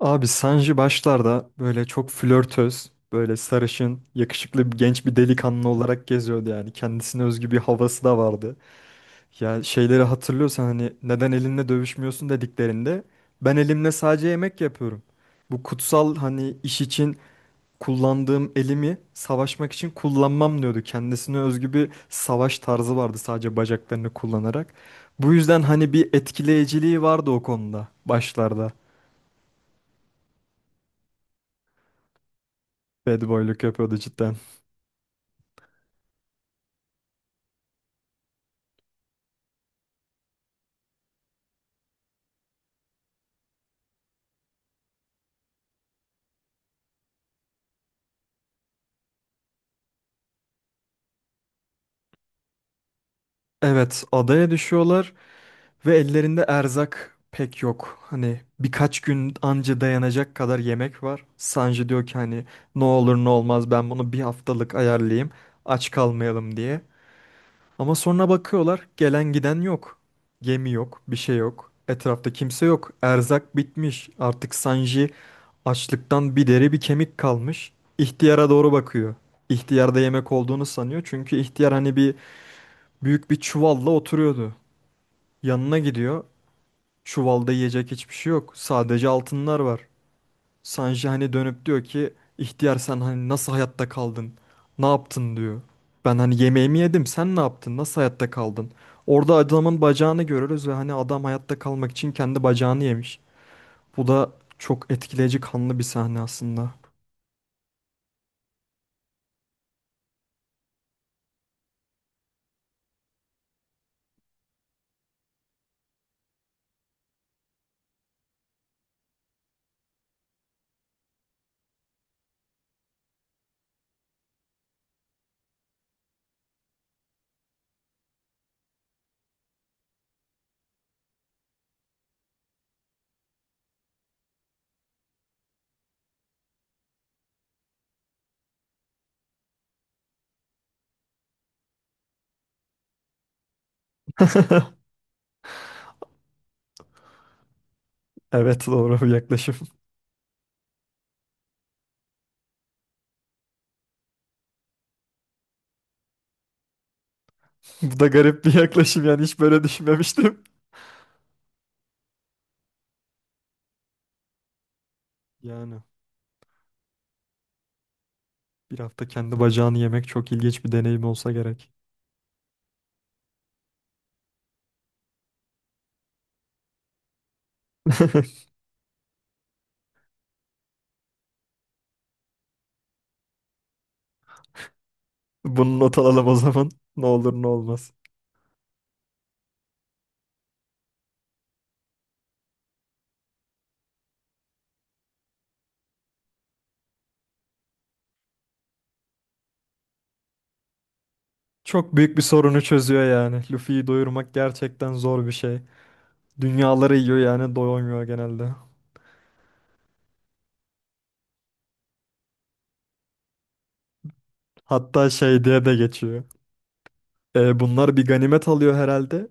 Abi Sanji başlarda böyle çok flörtöz, böyle sarışın, yakışıklı bir genç bir delikanlı olarak geziyordu yani. Kendisine özgü bir havası da vardı. Ya şeyleri hatırlıyorsan hani neden elinle dövüşmüyorsun dediklerinde ben elimle sadece yemek yapıyorum. Bu kutsal hani iş için kullandığım elimi savaşmak için kullanmam diyordu. Kendisine özgü bir savaş tarzı vardı sadece bacaklarını kullanarak. Bu yüzden hani bir etkileyiciliği vardı o konuda başlarda. Bad boyluk yapıyordu cidden. Evet, adaya düşüyorlar ve ellerinde erzak pek yok. Hani birkaç gün anca dayanacak kadar yemek var. Sanji diyor ki hani ne olur ne olmaz ben bunu bir haftalık ayarlayayım aç kalmayalım diye. Ama sonra bakıyorlar gelen giden yok. Gemi yok, bir şey yok. Etrafta kimse yok. Erzak bitmiş. Artık Sanji açlıktan bir deri bir kemik kalmış. İhtiyara doğru bakıyor. İhtiyarda yemek olduğunu sanıyor. Çünkü ihtiyar hani bir büyük bir çuvalla oturuyordu. Yanına gidiyor. Çuvalda yiyecek hiçbir şey yok. Sadece altınlar var. Sanji hani dönüp diyor ki ihtiyar sen hani nasıl hayatta kaldın? Ne yaptın diyor. Ben hani yemeğimi yedim sen ne yaptın? Nasıl hayatta kaldın? Orada adamın bacağını görürüz ve hani adam hayatta kalmak için kendi bacağını yemiş. Bu da çok etkileyici kanlı bir sahne aslında. Evet, doğru bir yaklaşım. Bu da garip bir yaklaşım yani hiç böyle düşünmemiştim. Yani bir hafta kendi bacağını yemek çok ilginç bir deneyim olsa gerek. Bunu not alalım o zaman. Ne olur ne olmaz. Çok büyük bir sorunu çözüyor yani. Luffy'yi doyurmak gerçekten zor bir şey. Dünyaları yiyor yani doyamıyor genelde. Hatta şey diye de geçiyor. E, bunlar bir ganimet alıyor herhalde.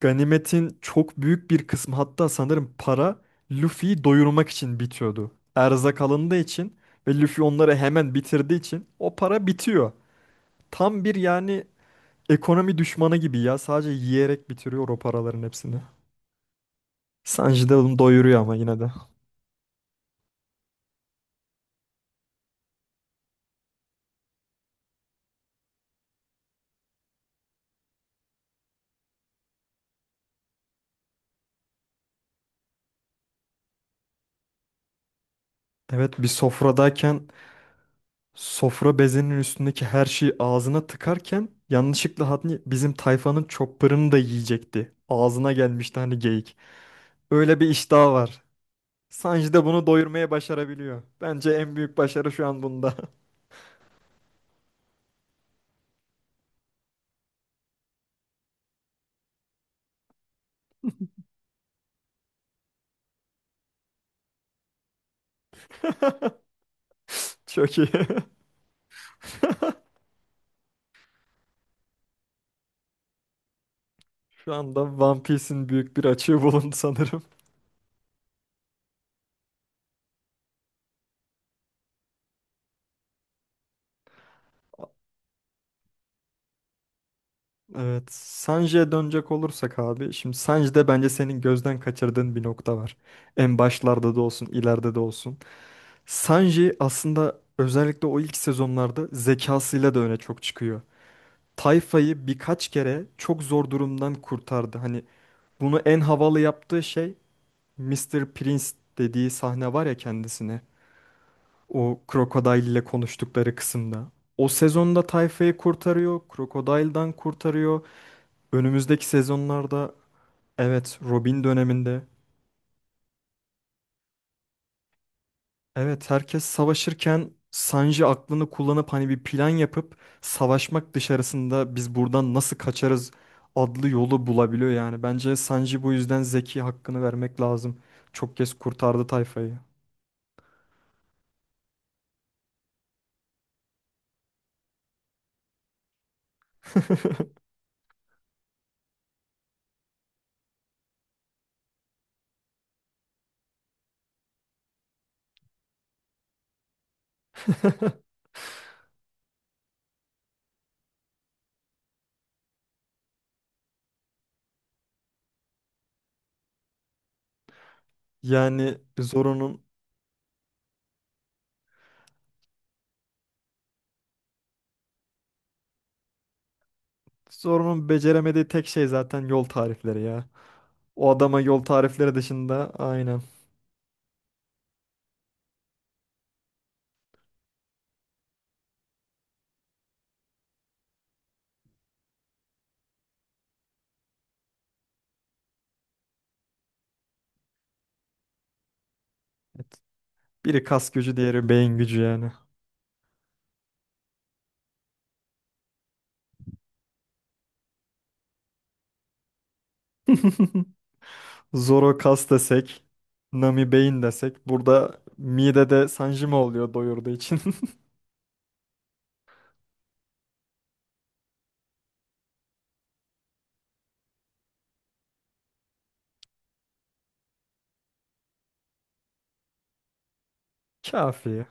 Ganimetin çok büyük bir kısmı hatta sanırım para Luffy'yi doyurmak için bitiyordu. Erzak alındığı için ve Luffy onları hemen bitirdiği için o para bitiyor. Tam bir yani ekonomi düşmanı gibi ya. Sadece yiyerek bitiriyor o paraların hepsini. Sanji de onu doyuruyor ama yine de. Evet, bir sofradayken sofra bezinin üstündeki her şeyi ağzına tıkarken yanlışlıkla hani bizim tayfanın chopper'ını da yiyecekti. Ağzına gelmişti hani geyik. Öyle bir iştahı var. Sanji de bunu doyurmaya başarabiliyor. Bence en büyük başarı şu an bunda. Çok iyi. Şu anda One Piece'in büyük bir açığı bulundu sanırım. Evet, Sanji'ye dönecek olursak abi, şimdi Sanji'de bence senin gözden kaçırdığın bir nokta var. En başlarda da olsun, ileride de olsun. Sanji aslında özellikle o ilk sezonlarda zekasıyla da öne çok çıkıyor. Tayfa'yı birkaç kere çok zor durumdan kurtardı. Hani bunu en havalı yaptığı şey Mister Prince dediği sahne var ya kendisine. O Crocodile ile konuştukları kısımda. O sezonda Tayfa'yı kurtarıyor, Crocodile'dan kurtarıyor. Önümüzdeki sezonlarda, evet, Robin döneminde. Evet, herkes savaşırken Sanji aklını kullanıp hani bir plan yapıp savaşmak dışarısında biz buradan nasıl kaçarız adlı yolu bulabiliyor yani. Bence Sanji bu yüzden Zeki hakkını vermek lazım. Çok kez kurtardı tayfayı. Yani Zoro'nun beceremediği tek şey zaten yol tarifleri ya. O adama yol tarifleri dışında aynen. Evet. Biri kas gücü, diğeri beyin gücü yani. Zoro kas desek, Nami beyin desek. Burada midede Sanjima oluyor doyurduğu için. Kafi.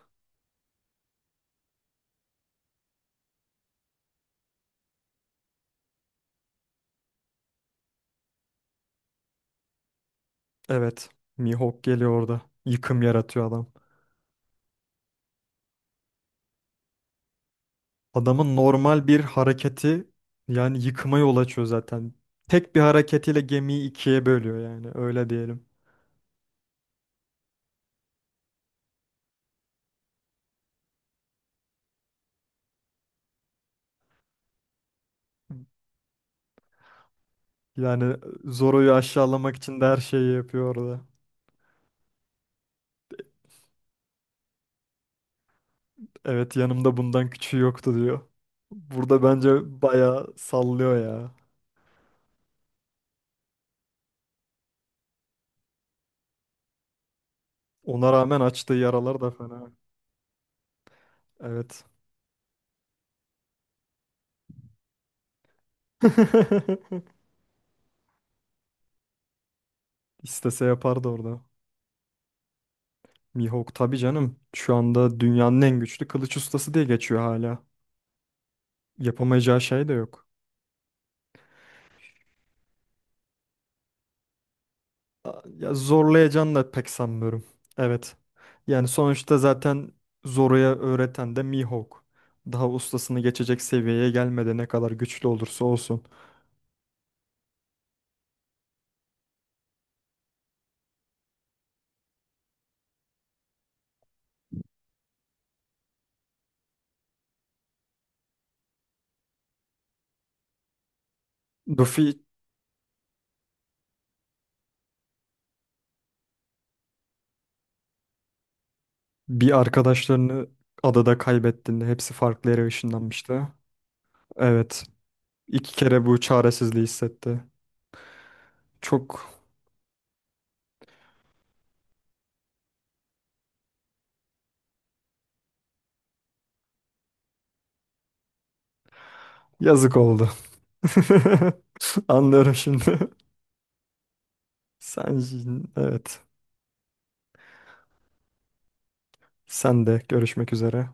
Evet. Mihawk geliyor orada. Yıkım yaratıyor adam. Adamın normal bir hareketi yani yıkıma yol açıyor zaten. Tek bir hareketiyle gemiyi ikiye bölüyor yani öyle diyelim. Yani Zoro'yu aşağılamak için de her şeyi yapıyor orada. Evet, yanımda bundan küçüğü yoktu diyor. Burada bence bayağı sallıyor ya. Ona rağmen açtığı yaralar da fena. Evet. İstese yapardı orada. Mihawk tabii canım. Şu anda dünyanın en güçlü kılıç ustası diye geçiyor hala. Yapamayacağı şey de yok. Ya zorlayacağını da pek sanmıyorum. Evet. Yani sonuçta zaten Zoro'ya öğreten de Mihawk. Daha ustasını geçecek seviyeye gelmedi ne kadar güçlü olursa olsun. Luffy bir arkadaşlarını adada kaybettiğinde hepsi farklı yere ışınlanmıştı. Evet. İki kere bu çaresizliği hissetti. Çok yazık oldu. Anlıyorum şimdi. Sen, evet. Sen de görüşmek üzere.